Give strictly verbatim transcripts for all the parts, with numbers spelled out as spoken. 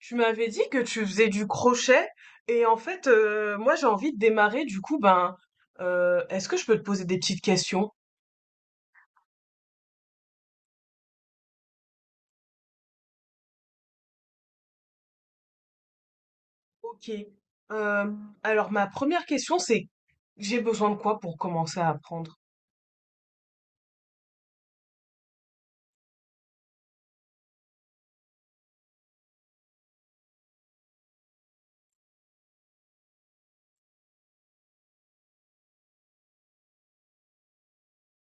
Tu m'avais dit que tu faisais du crochet et en fait, euh, moi j'ai envie de démarrer. Du coup, ben, euh, est-ce que je peux te poser des petites questions? Ok. Euh, alors ma première question c'est, j'ai besoin de quoi pour commencer à apprendre?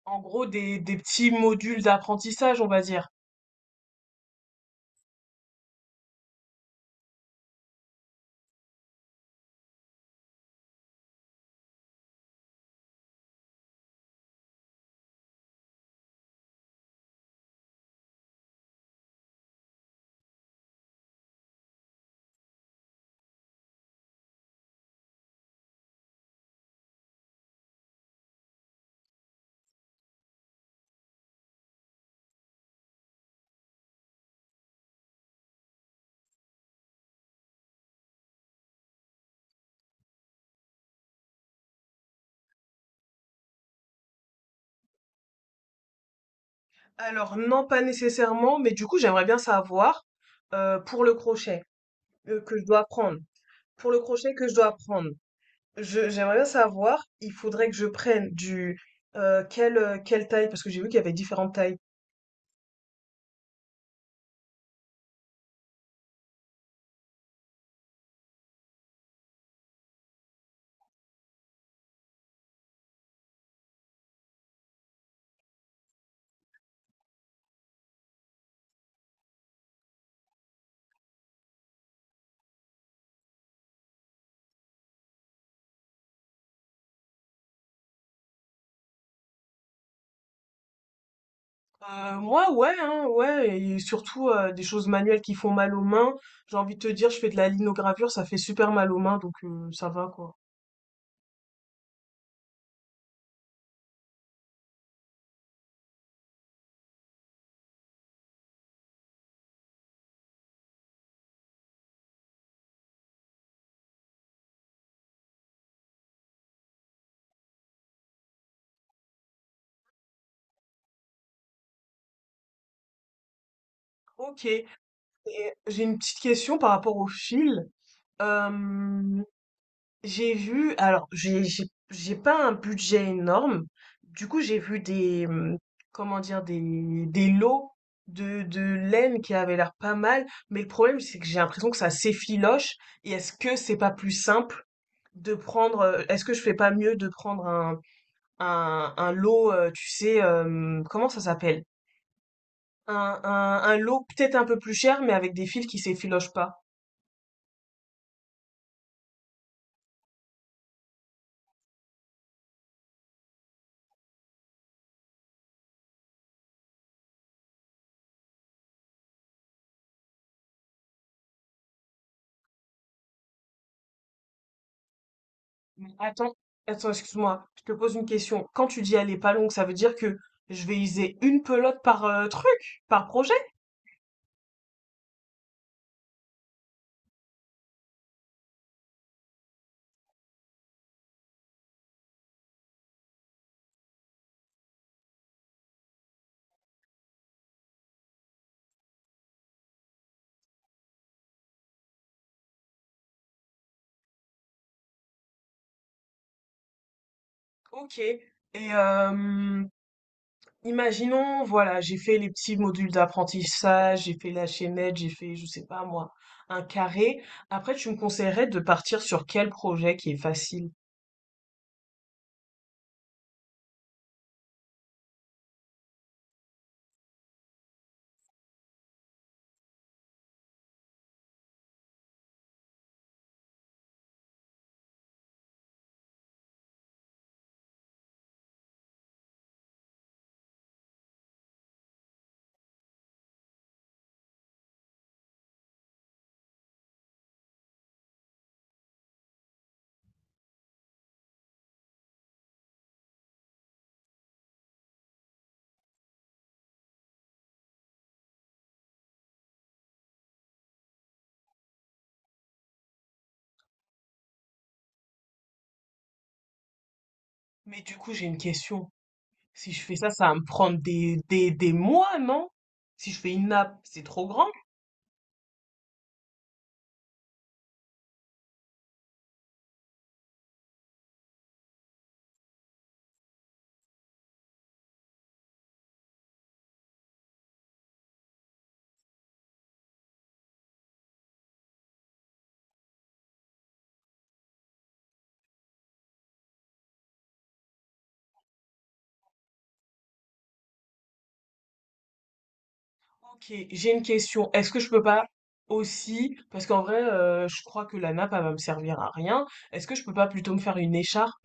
En gros, des, des petits modules d'apprentissage, on va dire. Alors non, pas nécessairement, mais du coup j'aimerais bien savoir euh, pour le crochet euh, que je dois apprendre. Pour le crochet que je dois apprendre. Je j'aimerais bien savoir, il faudrait que je prenne du euh, quelle euh, quelle taille parce que j'ai vu qu'il y avait différentes tailles. Euh, moi ouais hein, ouais et surtout euh, des choses manuelles qui font mal aux mains. J'ai envie de te dire, je fais de la linogravure, ça fait super mal aux mains donc euh, ça va quoi. Ok. Et j'ai une petite question par rapport au fil. Euh, J'ai vu, alors j'ai j'ai j'ai pas un budget énorme. Du coup, j'ai vu des hum, comment dire, des des lots de de laine qui avaient l'air pas mal, mais le problème c'est que j'ai l'impression que ça s'effiloche, et est-ce que c'est pas plus simple de prendre, euh, est-ce que je fais pas mieux de prendre un un un lot, euh, tu sais, euh, comment ça s'appelle? Un, un, un lot peut-être un peu plus cher, mais avec des fils qui s'effilochent pas. Mais attends, attends, excuse-moi, je te pose une question. Quand tu dis elle est pas longue, ça veut dire que je vais user une pelote par euh, truc, par projet? Ok. Et euh, imaginons, voilà, j'ai fait les petits modules d'apprentissage, j'ai fait la chaînette, j'ai fait, je sais pas moi, un carré. Après, tu me conseillerais de partir sur quel projet qui est facile? Mais du coup, j'ai une question. Si je fais ça, ça va me prendre des, des, des mois, non? Si je fais une nappe, c'est trop grand. Ok, j'ai une question. Est-ce que je peux pas aussi, parce qu'en vrai, euh, je crois que la nappe, elle va me servir à rien. Est-ce que je peux pas plutôt me faire une écharpe?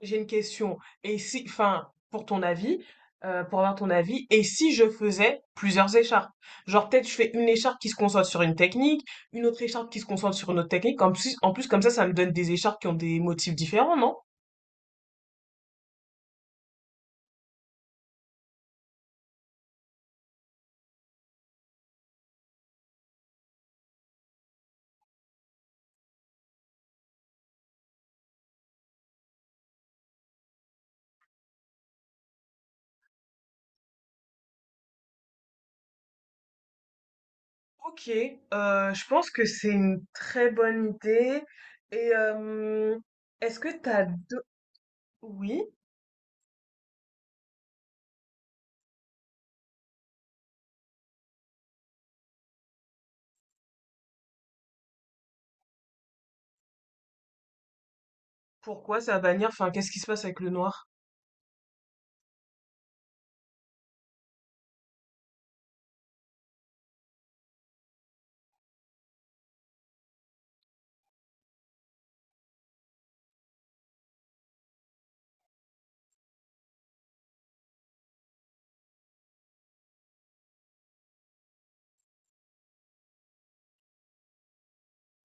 J'ai une question. Et si, enfin, pour ton avis, euh, pour avoir ton avis, et si je faisais plusieurs écharpes? Genre, peut-être je fais une écharpe qui se concentre sur une technique, une autre écharpe qui se concentre sur une autre technique. En plus, en plus, comme ça, ça me donne des écharpes qui ont des motifs différents, non? Ok, euh, je pense que c'est une très bonne idée. Et euh, est-ce que t'as deux... Oui, pourquoi ça va bannir? Enfin, qu'est-ce qui se passe avec le noir?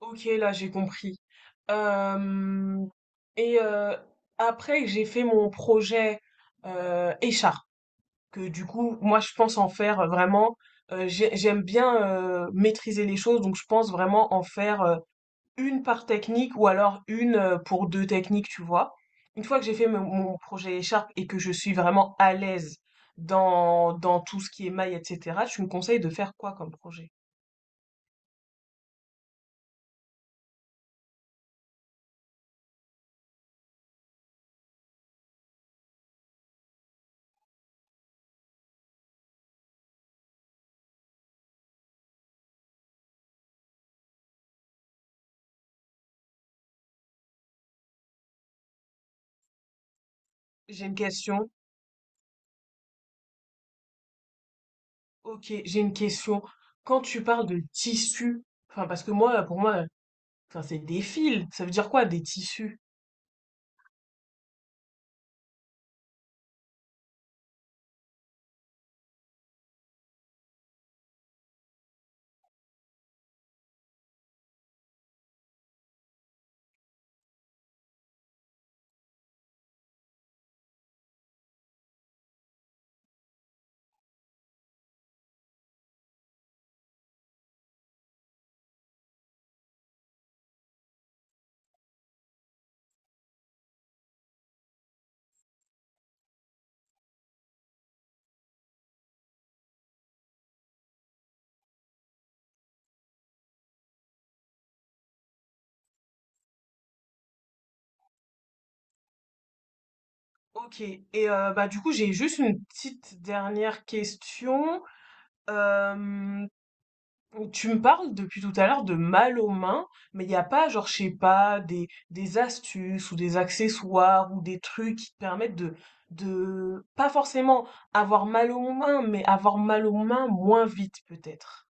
Ok, là j'ai compris. Euh, et euh, après que j'ai fait mon projet euh, écharpe, que du coup moi je pense en faire vraiment. Euh, j'ai- j'aime bien euh, maîtriser les choses, donc je pense vraiment en faire. Une par technique ou alors une euh, pour deux techniques, tu vois. Une fois que j'ai fait mon mon projet écharpe et que je suis vraiment à l'aise dans, dans tout ce qui est maille, et cetera, tu me conseilles de faire quoi comme projet? J'ai une question. Ok, j'ai une question. Quand tu parles de tissu, enfin parce que moi, pour moi, enfin c'est des fils. Ça veut dire quoi des tissus? Ok. Et euh, bah du coup, j'ai juste une petite dernière question. Euh, Tu me parles depuis tout à l'heure de mal aux mains, mais il n'y a pas, genre, je sais pas, des, des astuces ou des accessoires ou des trucs qui te permettent de, de, pas forcément avoir mal aux mains, mais avoir mal aux mains moins vite peut-être.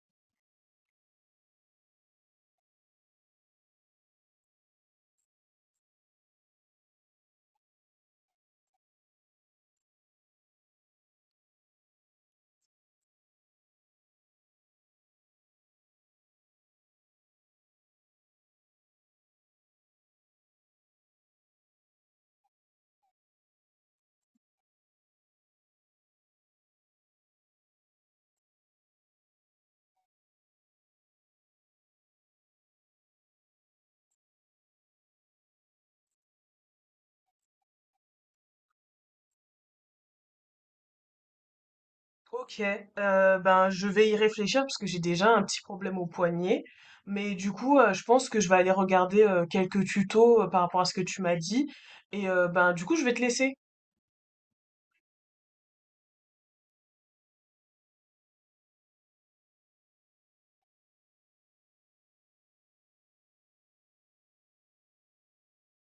Ok, euh, ben je vais y réfléchir parce que j'ai déjà un petit problème au poignet, mais du coup, euh, je pense que je vais aller regarder euh, quelques tutos euh, par rapport à ce que tu m'as dit, et euh, ben du coup, je vais te laisser.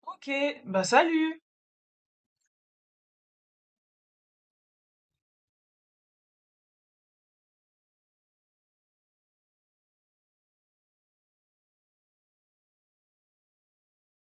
Ok, ben salut!